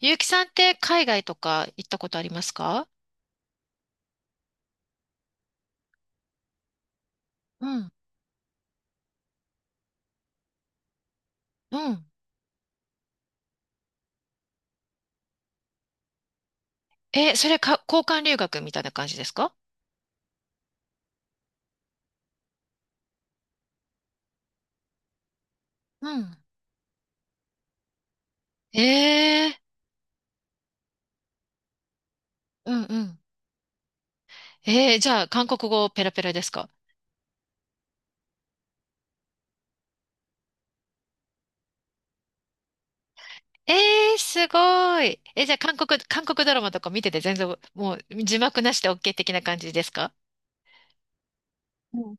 ゆうきさんって海外とか行ったことありますか？うん、うん。え、それか、交換留学みたいな感じですか？うん、えー、うん、うん。えー、じゃあ、韓国語ペラペラですか？えー、すごい。え、じゃあ、韓国ドラマとか見てて全然、もう、字幕なしで OK 的な感じですか？うん。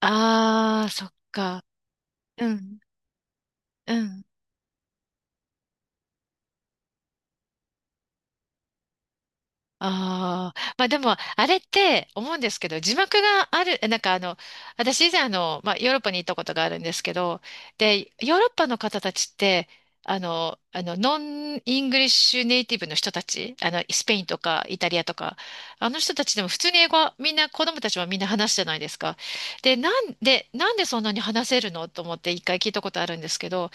あー、そっか。うん、うん。ああ、まあでも、あれって思うんですけど、字幕がある、私以前、まあヨーロッパに行ったことがあるんですけど、で、ヨーロッパの方たちって、あの、ノンイングリッシュネイティブの人たち、あの、スペインとかイタリアとか、あの人たちでも普通に英語はみんな、子供たちはみんな話すじゃないですか。で、なんでそんなに話せるのと思って一回聞いたことあるんですけど、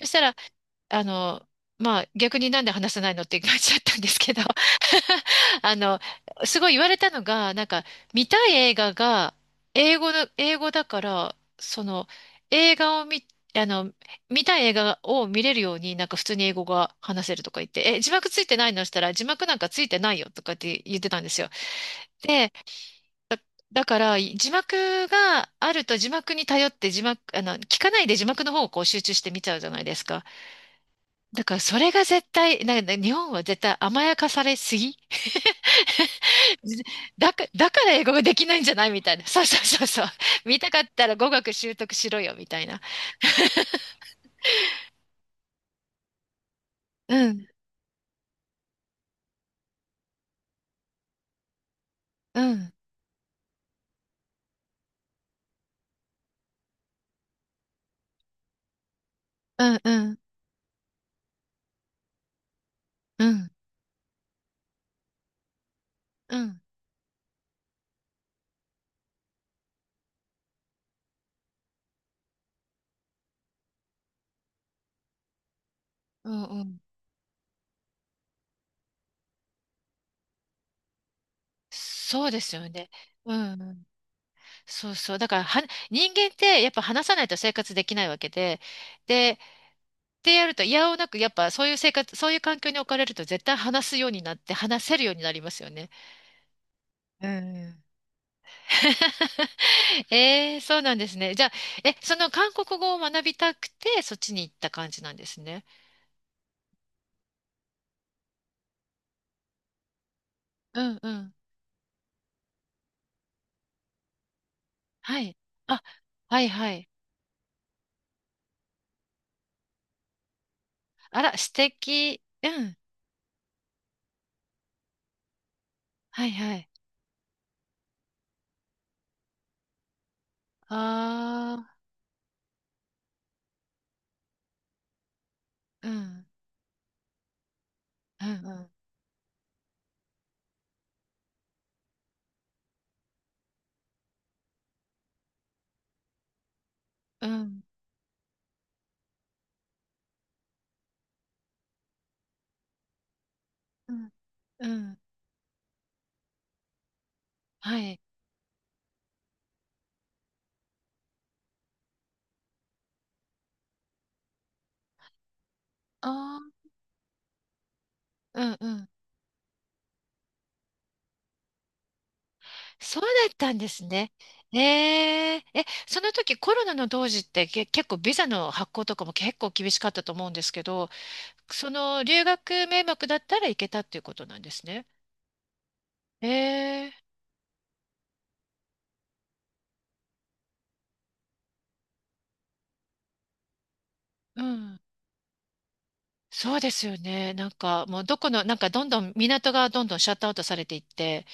そしたら、あの、まあ逆になんで話せないのって感じだちゃったんですけど、 あの、すごい言われたのが、なんか、見たい映画が、英語だから、その、映画を見、あの、見たい映画を見れるように、なんか普通に英語が話せるとか言って、え、字幕ついてないのしたら、字幕なんかついてないよとかって言ってたんですよ。で、だ、だから、字幕があると字幕に頼って字幕、あの、聞かないで字幕の方をこう集中して見ちゃうじゃないですか。だから、それが絶対、なんか日本は絶対甘やかされすぎ。だから英語ができないんじゃないみたいな。そうそうそうそう。見たかったら語学習得しろよ、みたいな。うん、うん、うん、うん、うん、うん、うん、うん。そうですよね。うん。そうそう。だからは、人間ってやっぱ話さないと生活できないわけで、ってやると、いやおなく、やっぱそういう生活、そういう環境に置かれると絶対話すようになって、話せるようになりますよね。うん。えーそうなんですね。じゃあ、え、その韓国語を学びたくて、そっちに行った感じなんですね。うん、うん。はい。あ、はい、はい。あら、素敵。うん。はい、はい。ああ、うん。うん、うん。うん。うん。うん。はい。ああ、うん、うん。そうだったんですね。ええ、え、その時コロナの当時って結構ビザの発行とかも結構厳しかったと思うんですけど、その留学名目だったら行けたっていうことなんですね。ええ、うん。そうですよね。なんかもうどこの、なんかどんどん港がどんどんシャットアウトされていって、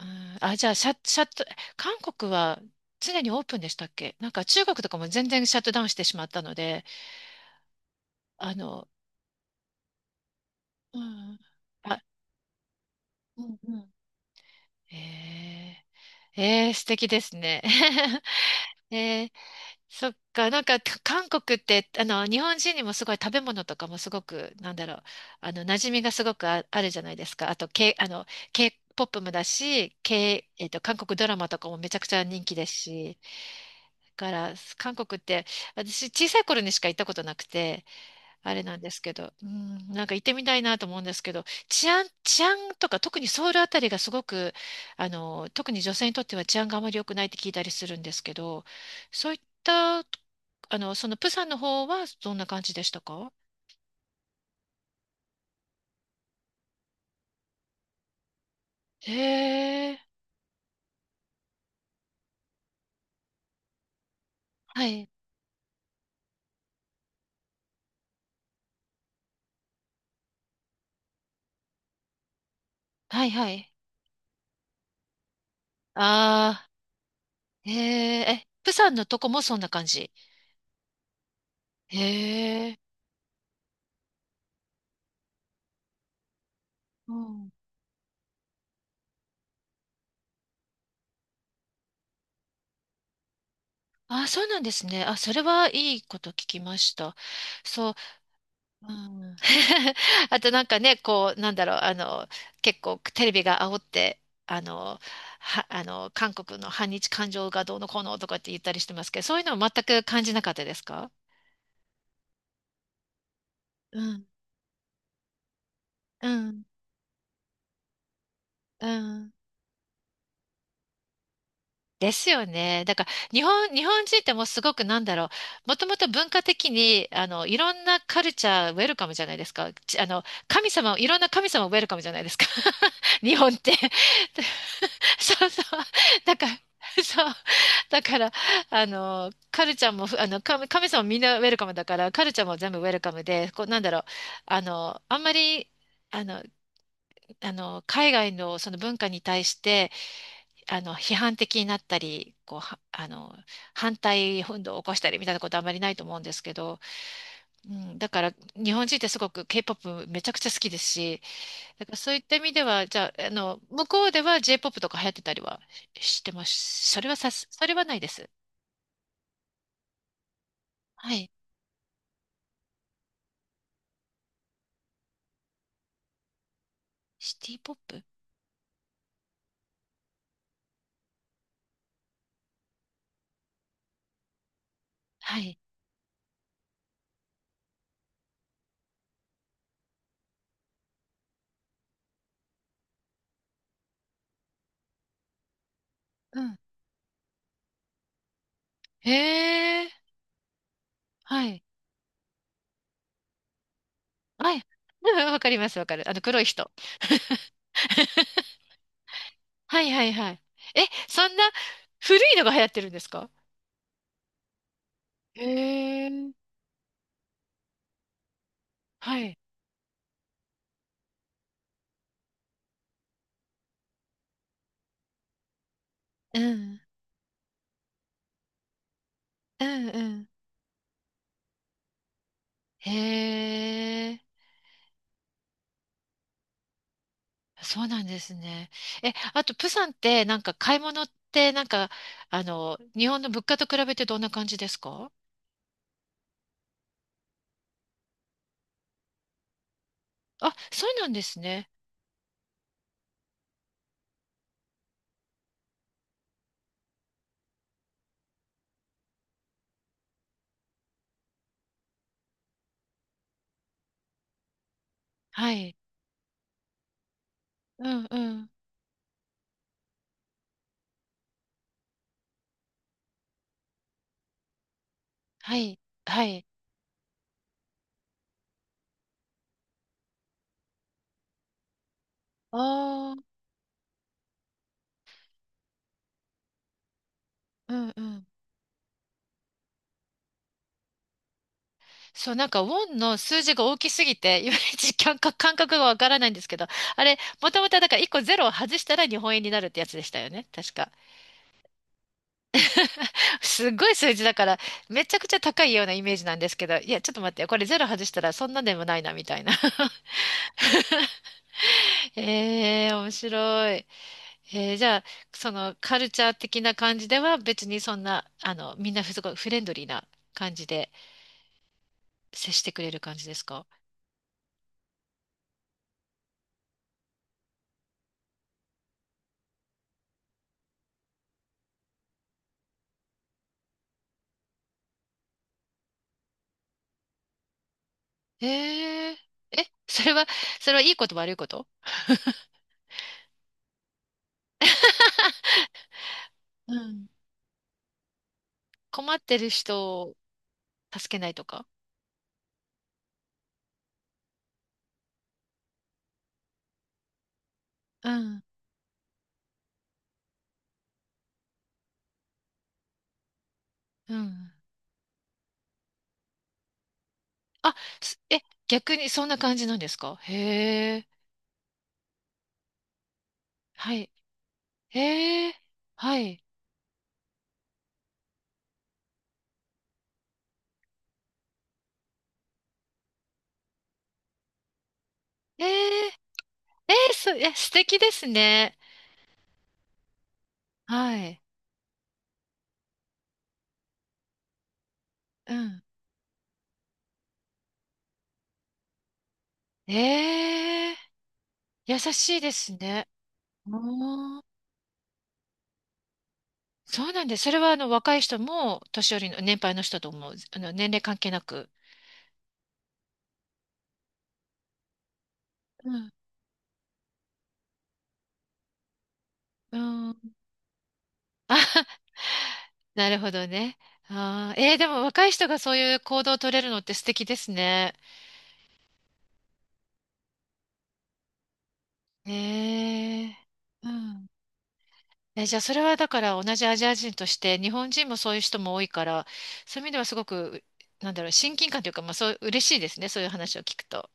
うん、あ、じゃあシャッ、シャット、韓国は常にオープンでしたっけ？なんか中国とかも全然シャットダウンしてしまったので、あの、うん、あ、うん、うん。ええ、ええ、素敵ですね。ええ、そっか、なんか韓国って、あの、日本人にもすごい食べ物とかもすごく、なんだろう、あの、馴染みがすごくあ、あるじゃないですか。あと、K、あの、K-POP もだし、K、えっと、韓国ドラマとかもめちゃくちゃ人気ですし、だから、韓国って、私、小さい頃にしか行ったことなくて、あれなんですけど、うん、なんか行ってみたいなと思うんですけど、治安とか特にソウルあたりがすごく、あの、特に女性にとっては治安があまり良くないって聞いたりするんですけど、そういった、あの、そのプサンの方はどんな感じでしたか？へえ、はい、はい、はい。ああ、へえ、え、プサンのとこもそんな感じ。へえ、うん。ああ、そうなんですね。あ、それはいいこと聞きました。そう。うん、 あとなんかね、こう、なんだろう、あの、結構テレビが煽って、あの、あの、韓国の反日感情がどうのこうのとかって言ったりしてますけど、そういうのは全く感じなかったですか？うん、うん、うん。ですよね。だから、日本人ってもうすごくなんだろう。もともと文化的に、あの、いろんなカルチャーウェルカムじゃないですか。ち、あの、神様、いろんな神様ウェルカムじゃないですか。日本って。そうそう。だから、そう。だから、あの、カルチャーも、あの、神様みんなウェルカムだから、カルチャーも全部ウェルカムで、こう、なんだろう。あの、あんまり、あの、海外のその文化に対して、あの批判的になったりこうはあの反対運動を起こしたりみたいなことはあまりないと思うんですけど、うん、だから日本人ってすごく K-POP めちゃくちゃ好きですし、だからそういった意味ではじゃあ、あの向こうでは J-POP とか流行ってたりはし、してます？それはさす、それはないです。はい。シティ・ポップ。はい。うん。へえ。はい。はい。うん、わかります、わかる。あの黒い人。はい、はい、はい。え、そんな古いのが流行ってるんですか？へえ、はい。うん、うん、うん。へえ、そうなんですね。え、あと、プサンって、なんか買い物って、なんか、あの、日本の物価と比べてどんな感じですか？あ、そうなんですね。はい。うん、うん。はい。はい。ああ、うん、うん。そう、なんか、ウォンの数字が大きすぎて、いまいち感覚がわからないんですけど、あれ、もともとだから1個ゼロを外したら日本円になるってやつでしたよね。確か。すっごい数字だから、めちゃくちゃ高いようなイメージなんですけど、いや、ちょっと待ってよ、これゼロ外したらそんなでもないな、みたいな。えー、面白い。えー、じゃあ、そのカルチャー的な感じでは別にそんな、あの、みんなすごいフレンドリーな感じで接してくれる感じですか？えー、え、それは、それはいいこと悪いこと？ うん。困ってる人を助けないとか？うん、うん。あ、すえ、逆にそんな感じなんですか？へえ、はい。へえ、はい。えー、えー、そ、え、素敵ですね。はい。うん。ええ、優しいですね。おー、そうなんです。それはあの若い人も年寄りの年配の人ともあの年齢関係なく。うん。うん。なるほどね。あー、えー、でも若い人がそういう行動を取れるのって素敵ですね。ええ、うん。え、じゃあそれはだから同じアジア人として日本人もそういう人も多いからそういう意味ではすごくなんだろう親近感というか、まあ、そう嬉しいですねそういう話を聞くと。